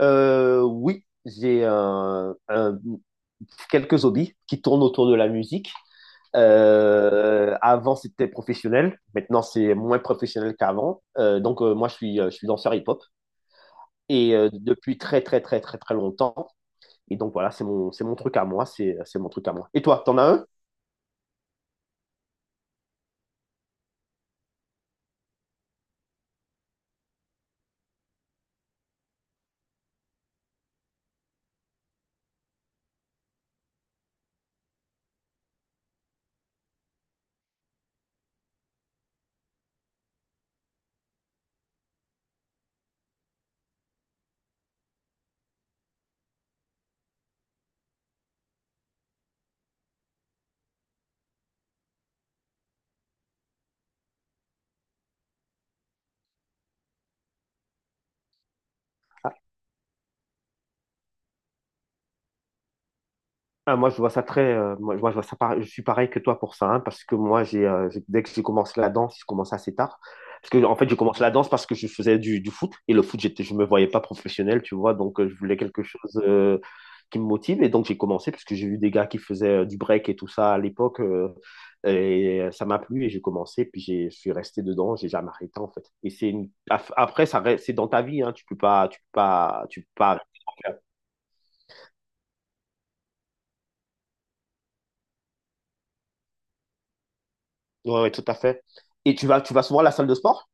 Oui, j'ai quelques hobbies qui tournent autour de la musique. Avant, c'était professionnel. Maintenant, c'est moins professionnel qu'avant. Je suis, je suis danseur hip-hop et depuis très, très, très, très, très longtemps. Et donc, voilà, c'est mon truc à moi. C'est mon truc à moi. Et toi, t'en as un? Ah, moi, je vois ça je suis pareil que toi pour ça, hein, parce que moi, dès que j'ai commencé la danse, j'ai commencé assez tard. Parce que, en fait, j'ai commencé la danse parce que je faisais du foot, et le foot, je me voyais pas professionnel, tu vois, je voulais quelque chose qui me motive, et donc j'ai commencé, parce que j'ai vu des gars qui faisaient du break et tout ça à l'époque, et ça m'a plu, et j'ai commencé, je suis resté dedans, j'ai jamais arrêté, en fait. Et après, c'est dans ta vie, hein, tu peux pas arrêter d'en faire. Ouais, ouais, tout à fait. Et tu vas souvent à la salle de sport?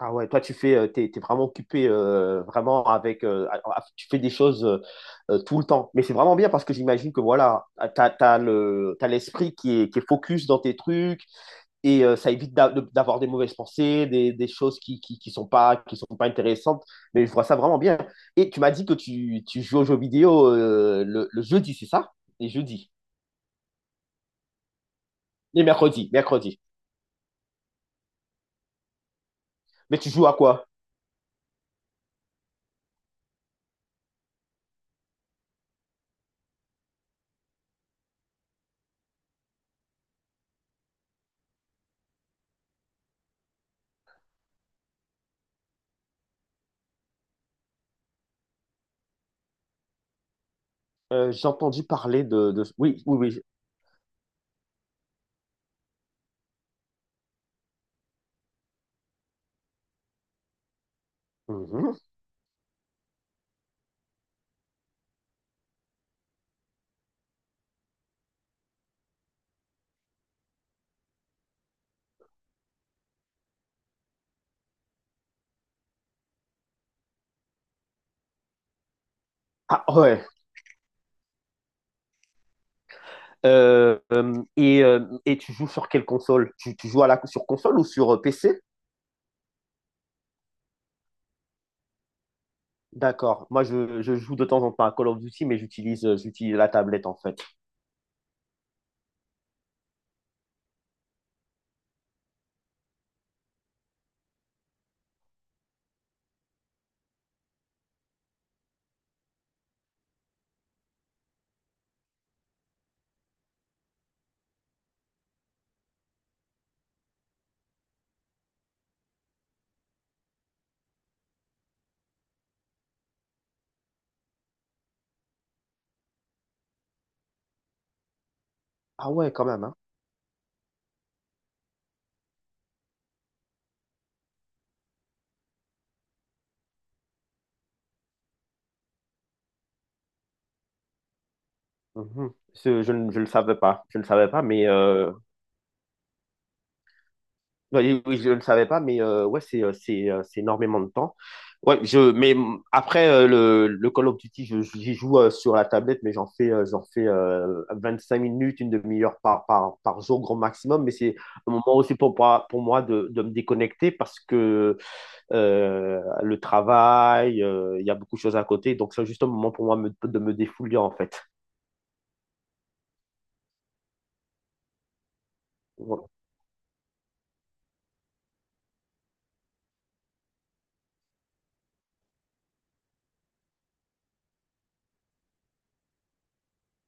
Ah ouais, toi t'es vraiment occupé vraiment avec, tu fais des choses tout le temps. Mais c'est vraiment bien parce que j'imagine que voilà, ah, t'as l'esprit qui est focus dans tes trucs et ça évite d'avoir des mauvaises pensées, des choses qui sont pas intéressantes. Mais je vois ça vraiment bien. Et tu m'as dit que tu joues aux jeux vidéo le jeudi, c'est ça? Les jeudis. Mercredi. Mais tu joues à quoi? J'ai entendu parler de... Oui, oui, oui. Mhm. Ah ouais. Euh, euh, et, euh, et tu joues sur quelle console? Tu joues à la, sur console ou sur PC? D'accord. Moi, je joue de temps en temps à Call of Duty, mais j'utilise la tablette en fait. Ah ouais, quand même, hein. Mhm. Je le savais pas. Je ne savais pas, mais ouais, oui, oui, je ne le savais pas, mais c'est énormément de temps. Ouais, je mais mm, après le Call of Duty, j'y joue sur la tablette, mais j'en fais 5 minutes, une demi-heure par jour grand maximum. Mais c'est un moment aussi pour moi de me déconnecter parce que le travail, il y a beaucoup de choses à côté, donc c'est juste un moment pour moi de me défouler en fait. Voilà.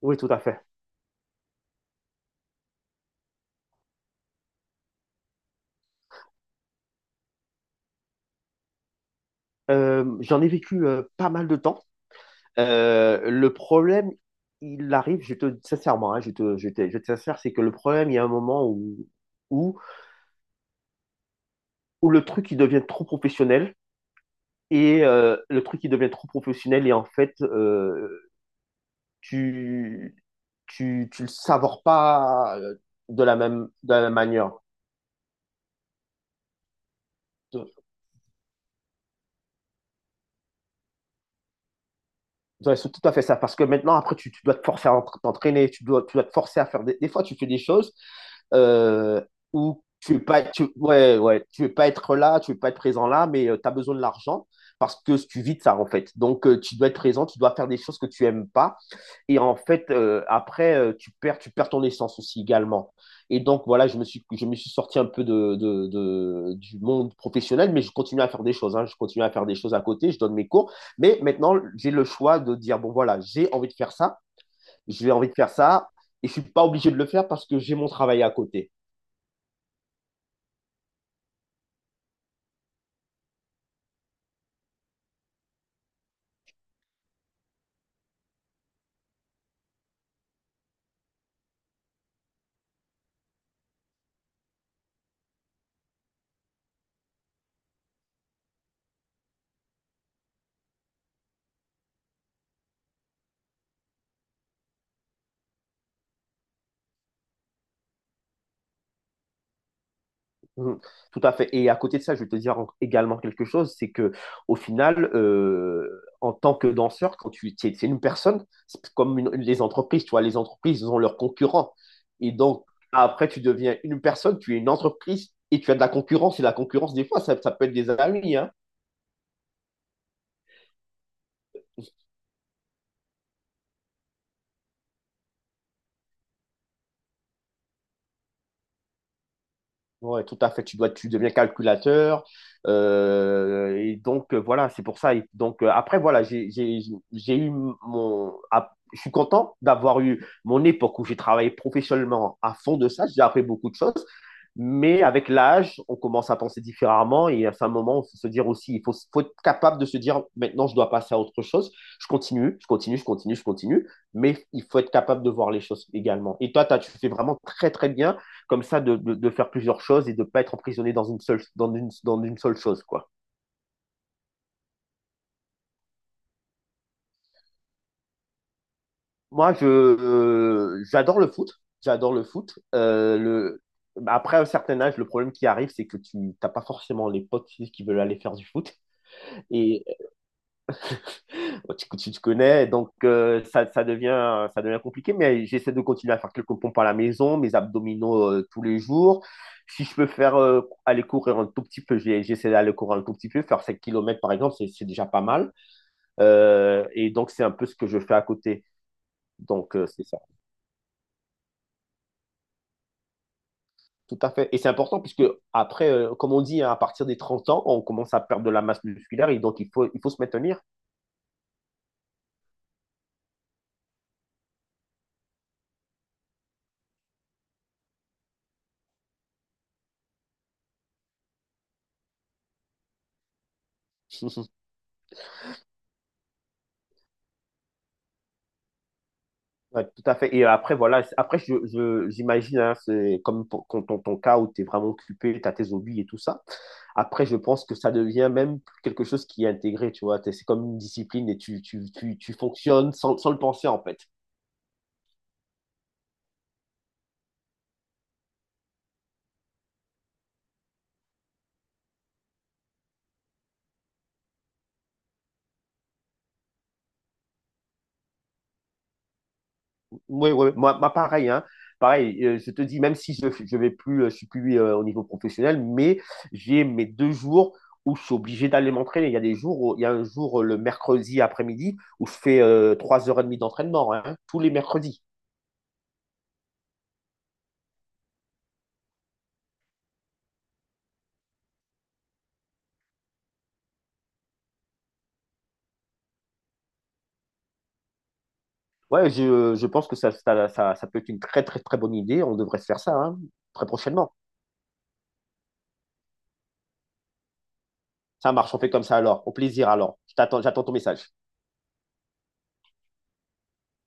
Oui, tout à fait. J'en ai vécu pas mal de temps. Le problème, il arrive, je te sincèrement, hein, je te, je te, je te sincère, c'est que le problème, il y a un moment où, où le truc il devient trop professionnel et le truc il devient trop professionnel et en fait tu, tu, tu le savores pas de la même manière. De- C'est tout à fait ça parce que maintenant tu dois te forcer à t'entraîner, tu dois te forcer à faire des fois tu fais des choses euh, où tu veux pas, ouais, ouais, tu veux pas être là, tu veux pas être présent là, mais tu as besoin de l'argent parce que tu vis de ça en fait. Tu dois être présent, tu dois faire des choses que tu aimes pas et en fait après tu perds ton essence aussi également. Et donc voilà, je me suis sorti un peu de du monde professionnel, mais je continue à faire des choses. Hein. Je continue à faire des choses à côté, je donne mes cours, mais maintenant j'ai le choix de dire bon voilà j'ai envie de faire ça, j'ai envie de faire ça et je suis pas obligé de le faire parce que j'ai mon travail à côté. Mhm. Tout à fait. Et à côté de ça, je vais te dire également quelque chose, c'est que au final, en tant que danseur, quand tu es, une personne, les entreprises, tu vois, les entreprises ils ont leurs concurrents. Et donc, après, tu deviens une personne, tu es une entreprise et tu as de la concurrence. Et la concurrence, des fois, ça peut être des amis, hein. Ouais, tout à fait. Tu deviens calculateur. Voilà, c'est pour ça. Et donc, après, voilà, j'ai eu mon. Ah, je suis content d'avoir eu mon époque où j'ai travaillé professionnellement à fond de ça. J'ai appris beaucoup de choses. Mais avec l'âge, on commence à penser différemment. Et à un moment, il faut se dire aussi, faut être capable de se dire, maintenant, je dois passer à autre chose. Je continue. Mais il faut être capable de voir les choses également. Et toi, tu fais vraiment très, très bien comme ça faire plusieurs choses et de ne pas être emprisonné dans une seule chose. Quoi. J'adore le foot. J'adore le foot. Après un certain âge, le problème qui arrive, c'est que tu n'as pas forcément les potes qui veulent aller faire du foot. Et tu te connais, ça devient compliqué. Mais j'essaie de continuer à faire quelques pompes à la maison, mes abdominaux tous les jours si je peux faire aller courir un tout petit peu, j'essaie d'aller courir un tout petit peu, faire 7 kilomètres par exemple, c'est déjà pas mal. Et donc, c'est un peu ce que je fais à côté. Donc, c'est ça. Tout à fait. Et c'est important puisque après, comme on dit, hein, à partir des 30 ans, on commence à perdre de la masse musculaire et donc il faut se maintenir. Ouais, tout à fait. Et après, voilà, après, j'imagine, hein, c'est comme pour- con- ton, ton cas où tu es vraiment occupé, tu as tes hobbies et tout ça. Après, je pense que ça devient même quelque chose qui est intégré, tu vois. C'est comme une discipline et tu fonctionnes sans le penser, en fait. Oui, oui, moi, pareil, hein. Pareil, je te dis, même si je vais plus, je suis plus au niveau professionnel, mais j'ai mes 2 jours où je suis obligé d'aller m'entraîner. Il y a des jours, il y a un jour le mercredi après-midi où je fais 3 heures et demie d'entraînement, hein, tous les mercredis. Ouais, je pense que ça peut être une très, très, très bonne idée. On devrait se faire ça, hein, très prochainement. Ça marche, on fait comme ça alors. Au plaisir alors. Je t'attends, j'attends ton message.